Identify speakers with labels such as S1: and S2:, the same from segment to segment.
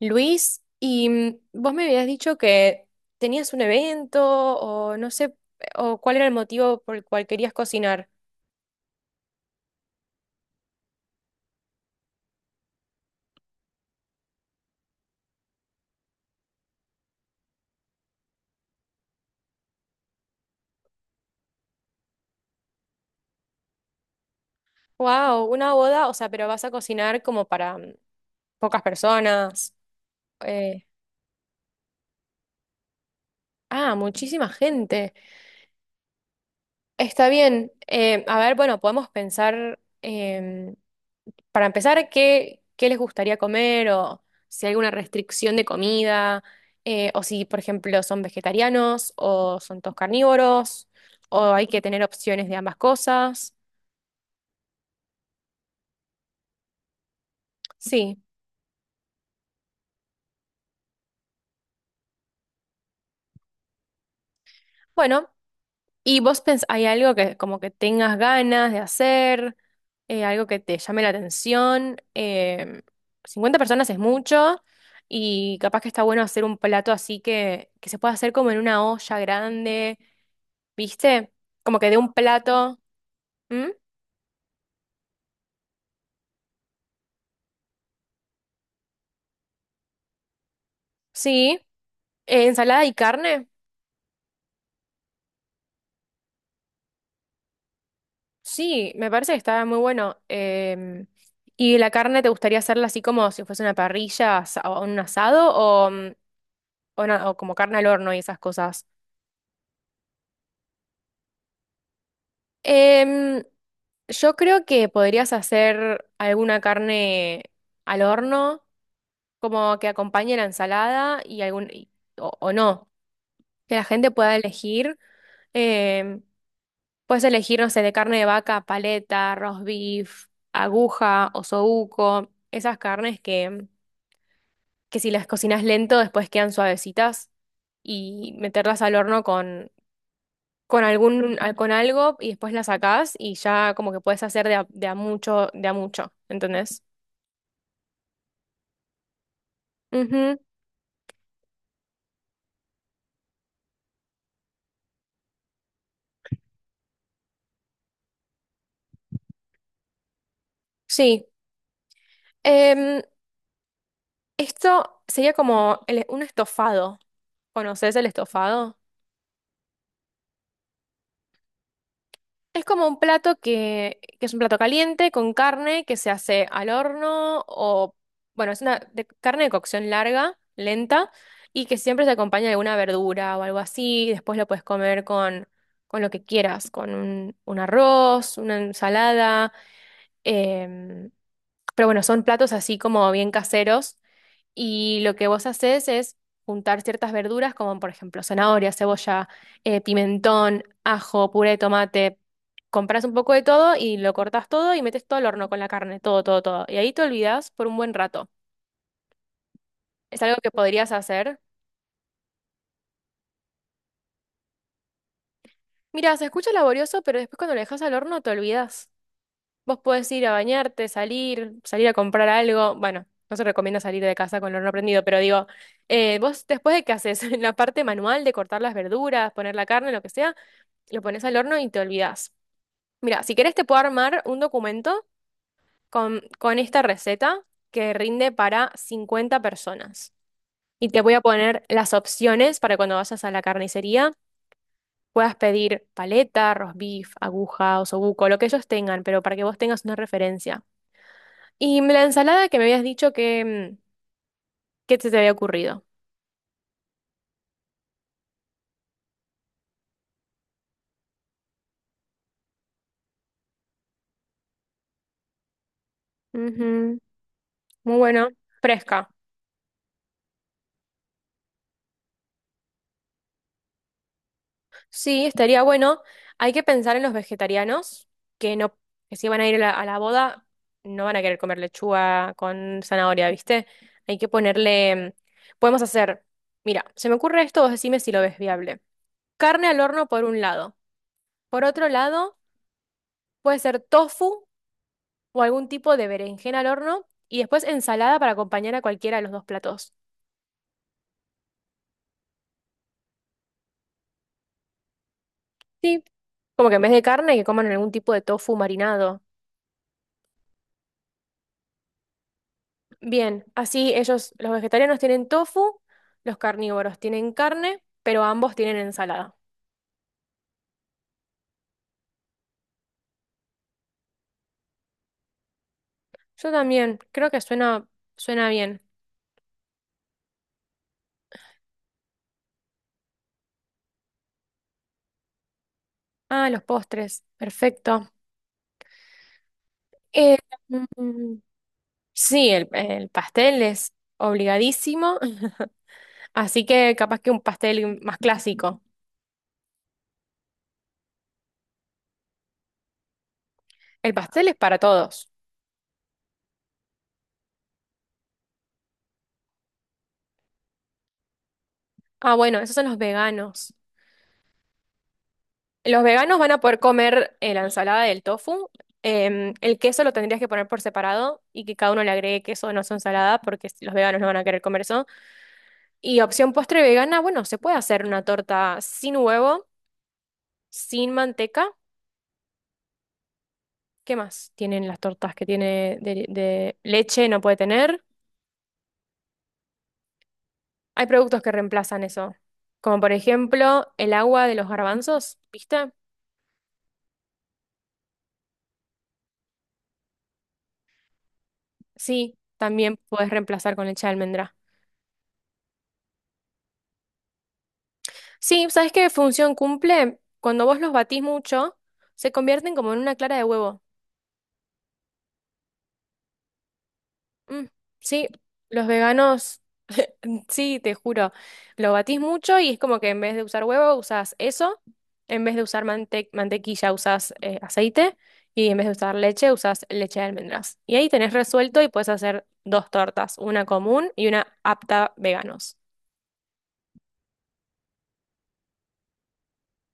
S1: Luis, y vos me habías dicho que tenías un evento o no sé, o cuál era el motivo por el cual querías cocinar. Wow, una boda, o sea, pero vas a cocinar como para pocas personas. eh, ah, muchísima gente. Está bien. A ver, bueno, podemos pensar. Para empezar, ¿qué les gustaría comer o si hay alguna restricción de comida, o si, por ejemplo, son vegetarianos o son todos carnívoros o hay que tener opciones de ambas cosas? Sí. Bueno, ¿y vos pens hay algo que como que tengas ganas de hacer, algo que te llame la atención? 50 personas es mucho y capaz que está bueno hacer un plato así que se pueda hacer como en una olla grande, ¿viste? Como que de un plato. ¿Mm? Sí. Ensalada y carne. Sí, me parece que está muy bueno. ¿Y la carne te gustaría hacerla así como si fuese una parrilla o un asado o, o como carne al horno y esas cosas? Em, yo creo que podrías hacer alguna carne al horno, como que acompañe la ensalada y algún o no, que la gente pueda elegir. Em, Puedes elegir, no sé, de carne de vaca, paleta, roast beef, aguja, o osobuco, esas carnes que si las cocinas lento después quedan suavecitas y meterlas al horno con algún, con algo y después las sacás y ya como que puedes hacer de a mucho, de a mucho, ¿entendés? Ujú. Sí. Em, Esto sería como un estofado. ¿Conoces el estofado? Es como un plato que es un plato caliente con carne que se hace al horno o, bueno, es una carne de cocción larga, lenta, y que siempre se acompaña de alguna verdura o algo así. Y después lo puedes comer con lo que quieras, con un arroz, una ensalada. em, pero bueno, son platos así como bien caseros y lo que vos haces es juntar ciertas verduras como por ejemplo zanahoria, cebolla, pimentón, ajo, puré de tomate. Compras un poco de todo y lo cortas todo y metes todo al horno con la carne, todo, todo, todo. Y ahí te olvidas por un buen rato. Es algo que podrías hacer. Mira, se escucha laborioso, pero después cuando lo dejas al horno te olvidas. Vos podés ir a bañarte, salir a comprar algo. Bueno, no se recomienda salir de casa con el horno prendido, pero digo, vos después de que haces en la parte manual de cortar las verduras, poner la carne, lo que sea, lo pones al horno y te olvidás. Mira, si querés te puedo armar un documento con esta receta que rinde para 50 personas. Y te voy a poner las opciones para cuando vayas a la carnicería. Puedas pedir paleta, roast beef, aguja, osobuco, lo que ellos tengan, pero para que vos tengas una referencia. Y la ensalada que me habías dicho mm, que te había ocurrido. Ujú. Muy bueno, fresca. Sí, estaría bueno. Hay que pensar en los vegetarianos que no, que si van a ir a la boda, no van a querer comer lechuga con zanahoria, ¿viste? Hay que ponerle. Podemos hacer. Mira, se me ocurre esto, vos decime si lo ves viable. Carne al horno por un lado. Por otro lado, puede ser tofu o algún tipo de berenjena al horno. Y después ensalada para acompañar a cualquiera de los dos platos. Sí, como que en vez de carne que coman algún tipo de tofu marinado. Bien, así ellos, los vegetarianos tienen tofu, los carnívoros tienen carne, pero ambos tienen ensalada. Yo también, creo que suena bien. Ah, los postres, perfecto. Eh, mm, sí, el pastel es obligadísimo, así que capaz que un pastel más clásico. El pastel es para todos. Ah, bueno, esos son los veganos. Los veganos van a poder comer la ensalada del tofu. El queso lo tendrías que poner por separado y que cada uno le agregue queso no su ensalada porque los veganos no van a querer comer eso. Y opción postre vegana, bueno, se puede hacer una torta sin huevo, sin manteca. ¿Qué más tienen las tortas que tiene de leche? No puede tener. Hay productos que reemplazan eso, como por ejemplo el agua de los garbanzos, ¿viste? Sí, también puedes reemplazar con leche de almendra. Sí, ¿sabes qué función cumple? Cuando vos los batís mucho, se convierten como en una clara de huevo. Mm, sí. Los veganos, sí, te juro, lo batís mucho y es como que en vez de usar huevo, usás eso, en vez de usar mantequilla, usás aceite y en vez de usar leche, usás leche de almendras. Y ahí tenés resuelto y puedes hacer dos tortas, una común y una apta veganos.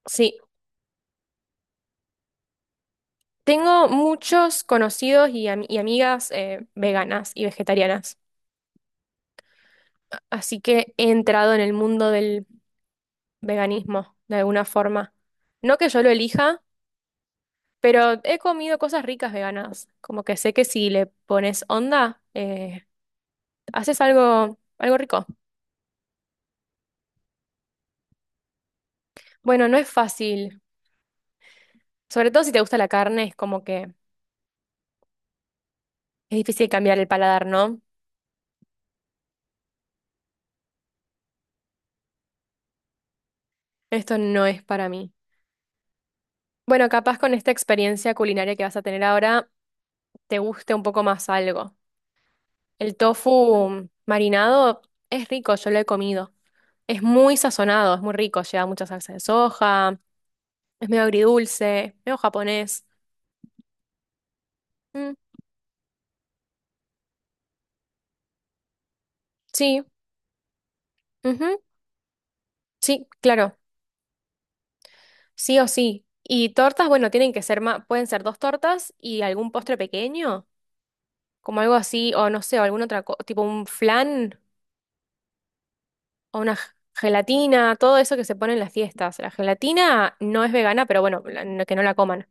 S1: Sí, tengo muchos conocidos y, y amigas veganas y vegetarianas. Así que he entrado en el mundo del veganismo, de alguna forma. No que yo lo elija, pero he comido cosas ricas veganas. Como que sé que si le pones onda, haces algo, algo rico. Bueno, no es fácil. Sobre todo si te gusta la carne, es como que es difícil cambiar el paladar, ¿no? Esto no es para mí. Bueno, capaz con esta experiencia culinaria que vas a tener ahora, te guste un poco más algo. El tofu marinado es rico, yo lo he comido. Es muy sazonado, es muy rico, lleva mucha salsa de soja, es medio agridulce, medio japonés. Mm, sí, ujú, sí, claro, sí o sí. Y tortas, bueno, tienen que ser más, pueden ser dos tortas y algún postre pequeño, como algo así, o no sé, o alguna otra cosa, tipo un flan o una gelatina, todo eso que se pone en las fiestas. La gelatina no es vegana, pero bueno, que no la coman.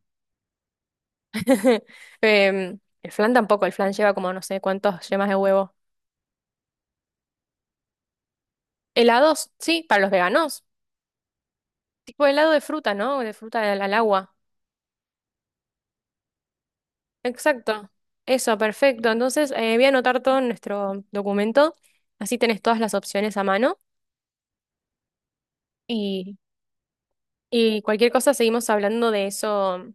S1: El flan tampoco, el flan lleva como no sé cuántos yemas de huevo. Helados, sí, para los veganos. Tipo helado de fruta, ¿no? De fruta al agua. Exacto. Eso, perfecto. Entonces, voy a anotar todo en nuestro documento. Así tenés todas las opciones a mano. Y, y cualquier cosa seguimos hablando de eso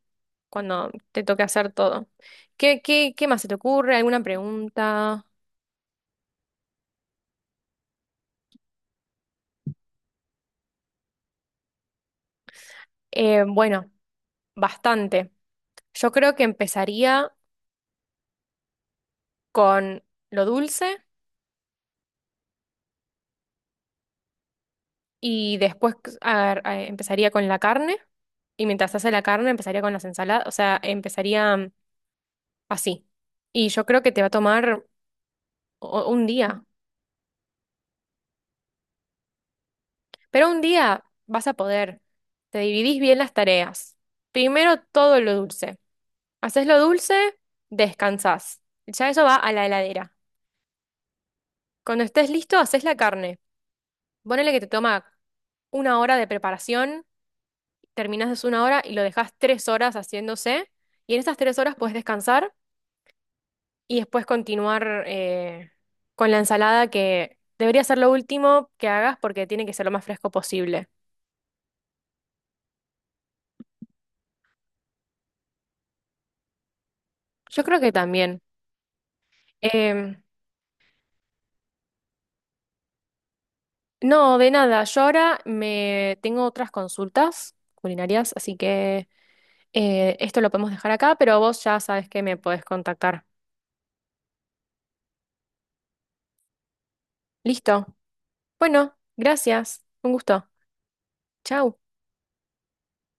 S1: cuando te toque hacer todo. ¿Qué más se te ocurre? ¿Alguna pregunta? Bueno, bastante. Yo creo que empezaría con lo dulce. Y después empezaría con la carne. Y mientras hace la carne, empezaría con las ensaladas. O sea, empezaría así. Y yo creo que te va a tomar un día. Pero un día vas a poder. Te dividís bien las tareas. Primero todo lo dulce. Haces lo dulce, descansás. Ya eso va a la heladera. Cuando estés listo, haces la carne. Ponele que te toma 1 hora de preparación, terminás de 1 hora y lo dejas 3 horas haciéndose. Y en esas 3 horas puedes descansar y después continuar con la ensalada, que debería ser lo último que hagas porque tiene que ser lo más fresco posible. Yo creo que también. Em, no, de nada. Yo ahora me tengo otras consultas culinarias, así que esto lo podemos dejar acá, pero vos ya sabes que me podés contactar. Listo. Bueno, gracias. Un gusto. Chau.